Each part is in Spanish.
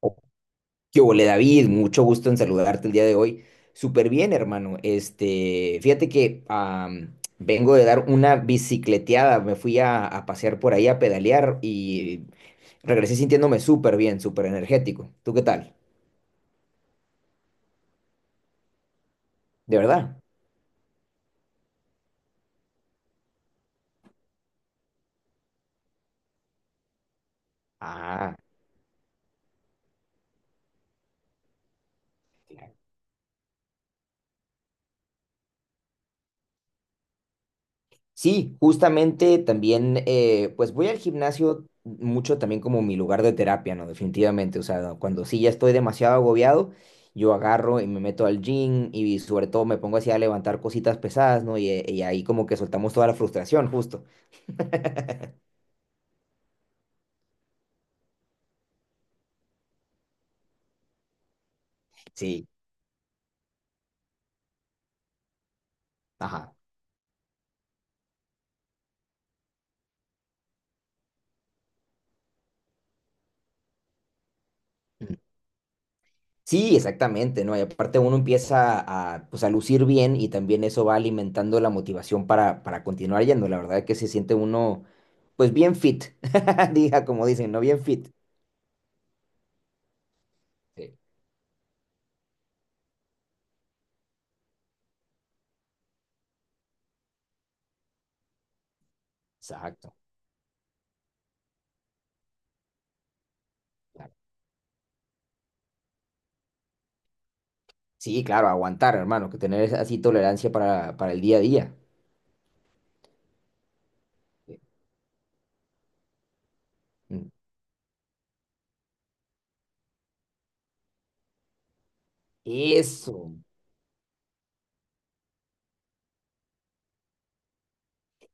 Oh, ¿qué hubo, David? Mucho gusto en saludarte el día de hoy. Súper bien, hermano. Fíjate que vengo de dar una bicicleteada. Me fui a pasear por ahí a pedalear y regresé sintiéndome súper bien, súper energético. ¿Tú qué tal? ¿De verdad? Ah. Sí, justamente también, pues voy al gimnasio mucho también como mi lugar de terapia, ¿no? Definitivamente, o sea, cuando sí ya estoy demasiado agobiado, yo agarro y me meto al gym, y sobre todo me pongo así a levantar cositas pesadas, ¿no? Y ahí como que soltamos toda la frustración, justo. Sí, ajá. Ujú. Sí, exactamente, ¿no? Y aparte uno empieza a, pues, a lucir bien, y también eso va alimentando la motivación para continuar yendo. La verdad que se siente uno pues bien fit, diga como dicen, ¿no? Bien fit. Sí. Exacto. Claro. Sí, claro, aguantar, hermano, que tener así tolerancia para el día a día. Mm. Eso.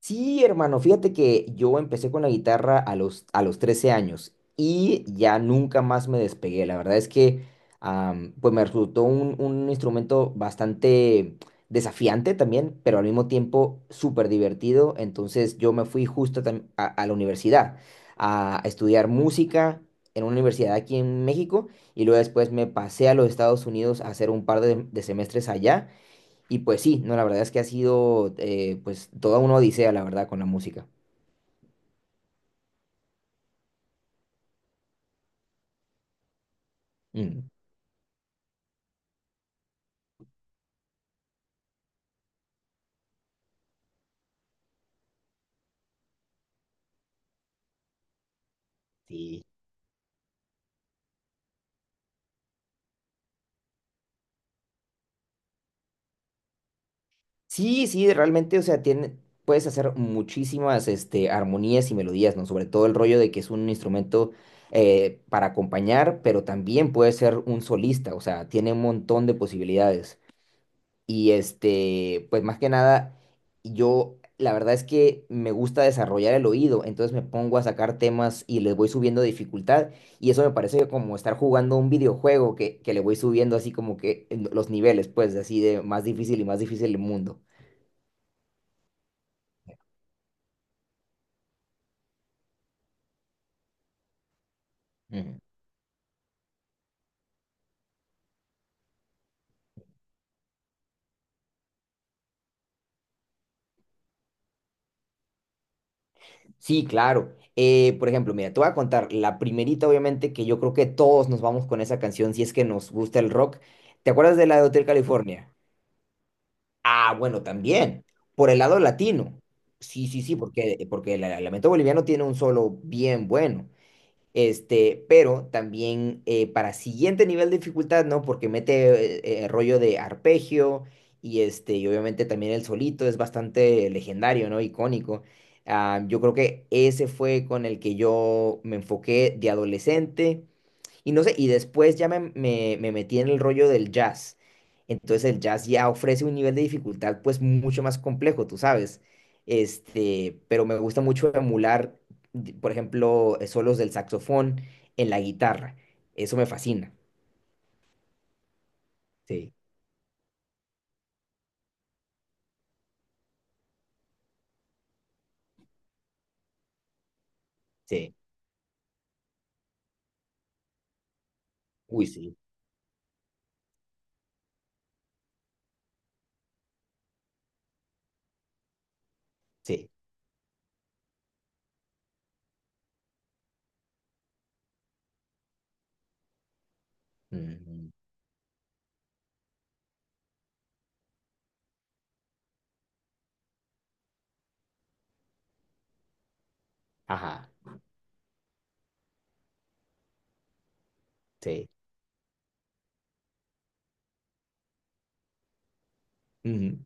Sí, hermano, fíjate que yo empecé con la guitarra a los 13 años, y ya nunca más me despegué. La verdad es que pues me resultó un instrumento bastante desafiante también, pero al mismo tiempo súper divertido. Entonces yo me fui justo a la universidad a estudiar música en una universidad aquí en México, y luego después me pasé a los Estados Unidos a hacer un par de semestres allá. Y pues sí, no, la verdad es que ha sido pues toda una odisea, la verdad, con la música. Mm. Sí. Sí, sí, realmente, o sea, tiene, puedes hacer muchísimas armonías y melodías, ¿no? Sobre todo el rollo de que es un instrumento para acompañar, pero también puede ser un solista, o sea, tiene un montón de posibilidades. Y este, pues más que nada, yo la verdad es que me gusta desarrollar el oído, entonces me pongo a sacar temas y les voy subiendo dificultad. Y eso me parece como estar jugando un videojuego que le voy subiendo así como que en los niveles, pues así de más difícil y más difícil el mundo. Ujú. Sí, claro. Por ejemplo, mira, te voy a contar la primerita, obviamente, que yo creo que todos nos vamos con esa canción si es que nos gusta el rock. ¿Te acuerdas de la de Hotel California? Ah, bueno, también. Por el lado latino. Sí, sí, sí, porque el lamento boliviano tiene un solo bien bueno. Este, pero también para siguiente nivel de dificultad, ¿no? Porque mete rollo de arpegio y este, y obviamente también el solito es bastante legendario, ¿no? Icónico. Ah, yo creo que ese fue con el que yo me enfoqué de adolescente, y no sé, y después ya me metí en el rollo del jazz. Entonces el jazz ya ofrece un nivel de dificultad pues mucho más complejo, tú sabes. Este, pero me gusta mucho emular, por ejemplo, solos del saxofón en la guitarra. Eso me fascina. Sí, sí. Uy, sí, sí. Ujú. Ajá, sí. Ujú.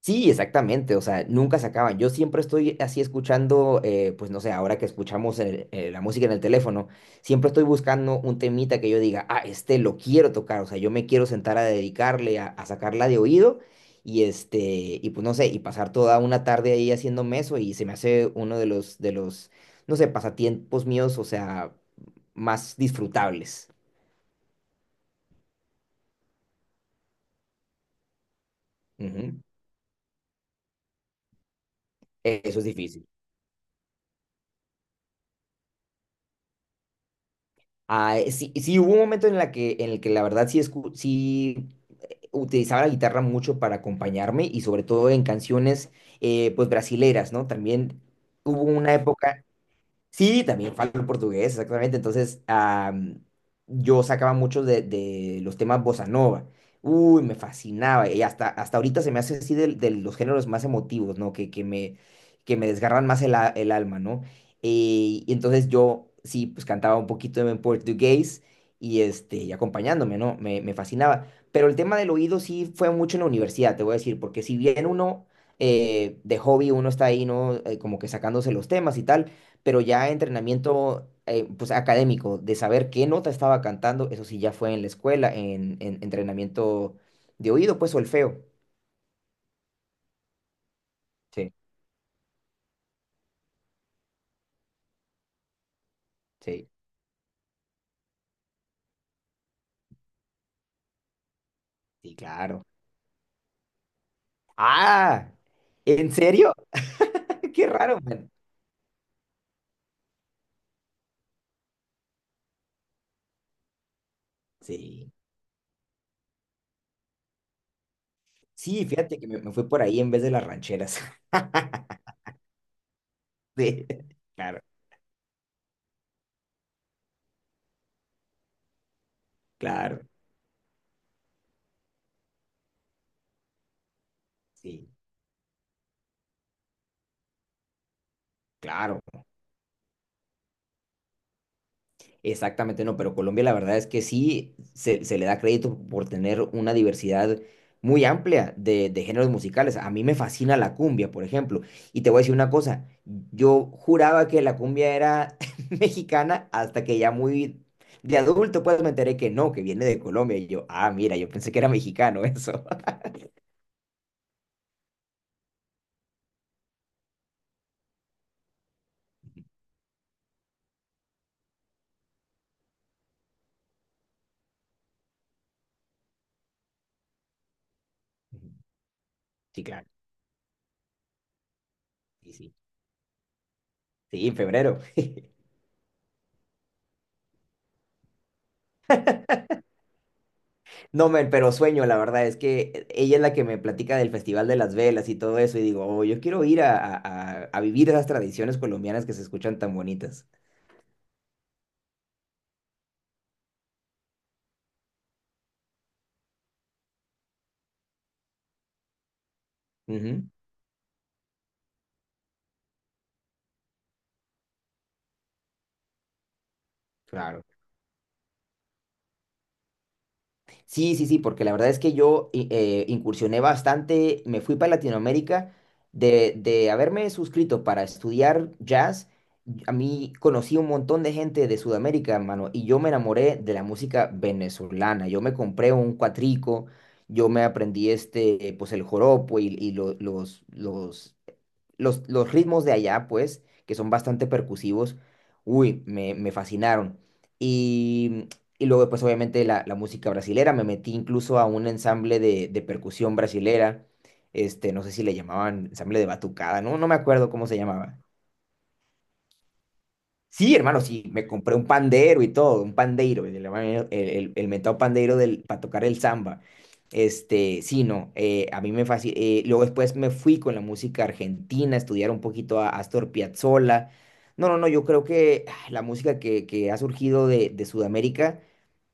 Sí, exactamente, o sea, nunca se acaban. Yo siempre estoy así escuchando, pues no sé, ahora que escuchamos la música en el teléfono, siempre estoy buscando un temita que yo diga, ah, este lo quiero tocar, o sea, yo me quiero sentar a dedicarle, a sacarla de oído y este, y pues no sé, y pasar toda una tarde ahí haciéndome eso, y se me hace uno de no sé, pasatiempos míos, o sea, más disfrutables. Ujú. Eso es difícil. Ah, sí, sí, hubo un momento en la que, en el que la verdad sí, sí utilizaba la guitarra mucho para acompañarme, y sobre todo en canciones pues brasileras, ¿no? También hubo una época. Sí, también falo portugués, exactamente. Entonces, yo sacaba muchos de los temas bossa nova. Uy, me fascinaba. Y hasta, hasta ahorita se me hace así los géneros más emotivos, ¿no? Que me, que me desgarran más el alma, ¿no? Y entonces yo, sí, pues cantaba un poquito en portugués y, este, y acompañándome, ¿no? Me fascinaba. Pero el tema del oído sí fue mucho en la universidad, te voy a decir, porque si bien uno, de hobby, uno está ahí, ¿no? Como que sacándose los temas y tal, pero ya entrenamiento pues académico, de saber qué nota estaba cantando, eso sí ya fue en la escuela, en entrenamiento de oído, pues solfeo. Sí, sí, sí, claro. Ah, ¿en serio? Qué raro, man. Sí, sí, fíjate que me fui por ahí en vez de las rancheras. Sí, claro, claro, sí, claro. Exactamente, no, pero Colombia la verdad es que sí se le da crédito por tener una diversidad muy amplia de géneros musicales. A mí me fascina la cumbia, por ejemplo. Y te voy a decir una cosa, yo juraba que la cumbia era mexicana hasta que ya muy de adulto pues me enteré que no, que viene de Colombia. Y yo, ah, mira, yo pensé que era mexicano eso. Ujú. Sí, claro. Sí, sí. Sí, en febrero. No, men, pero sueño, la verdad, es que ella es la que me platica del Festival de las Velas y todo eso, y digo, oh, yo quiero ir a vivir esas tradiciones colombianas que se escuchan tan bonitas. Ujú, claro. Sí, sí, sí, porque la verdad es que yo incursioné bastante, me fui para Latinoamérica, de haberme suscrito para estudiar jazz, y a mí conocí un montón de gente de Sudamérica, hermano, y yo me enamoré de la música venezolana, yo me compré un cuatrico, yo me aprendí este, pues el joropo, y los ritmos de allá, pues, que son bastante percusivos, uy, me fascinaron. Y, y luego, pues, obviamente, la música brasilera, me metí incluso a un ensamble de percusión brasilera, este, no sé si le llamaban ensamble de batucada, no, no me acuerdo cómo se llamaba. Sí, hermano, sí, me compré un pandero y todo, un pandeiro, el mentado pandeiro del, para tocar el samba. Este, sí, no, a mí me fascina. Luego después me fui con la música argentina, a estudiar un poquito a Astor Piazzolla. No, no, no, yo creo que ah, la música que ha surgido de Sudamérica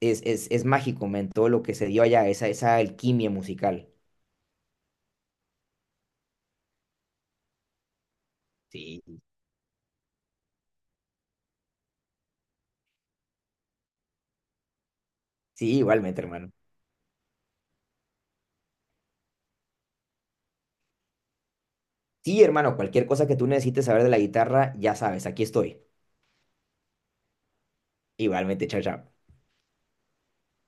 es mágico, men, todo lo que se dio allá, esa alquimia musical. Sí, sí, igualmente, hermano. Sí, hermano, cualquier cosa que tú necesites saber de la guitarra, ya sabes, aquí estoy. Igualmente, chao, chao.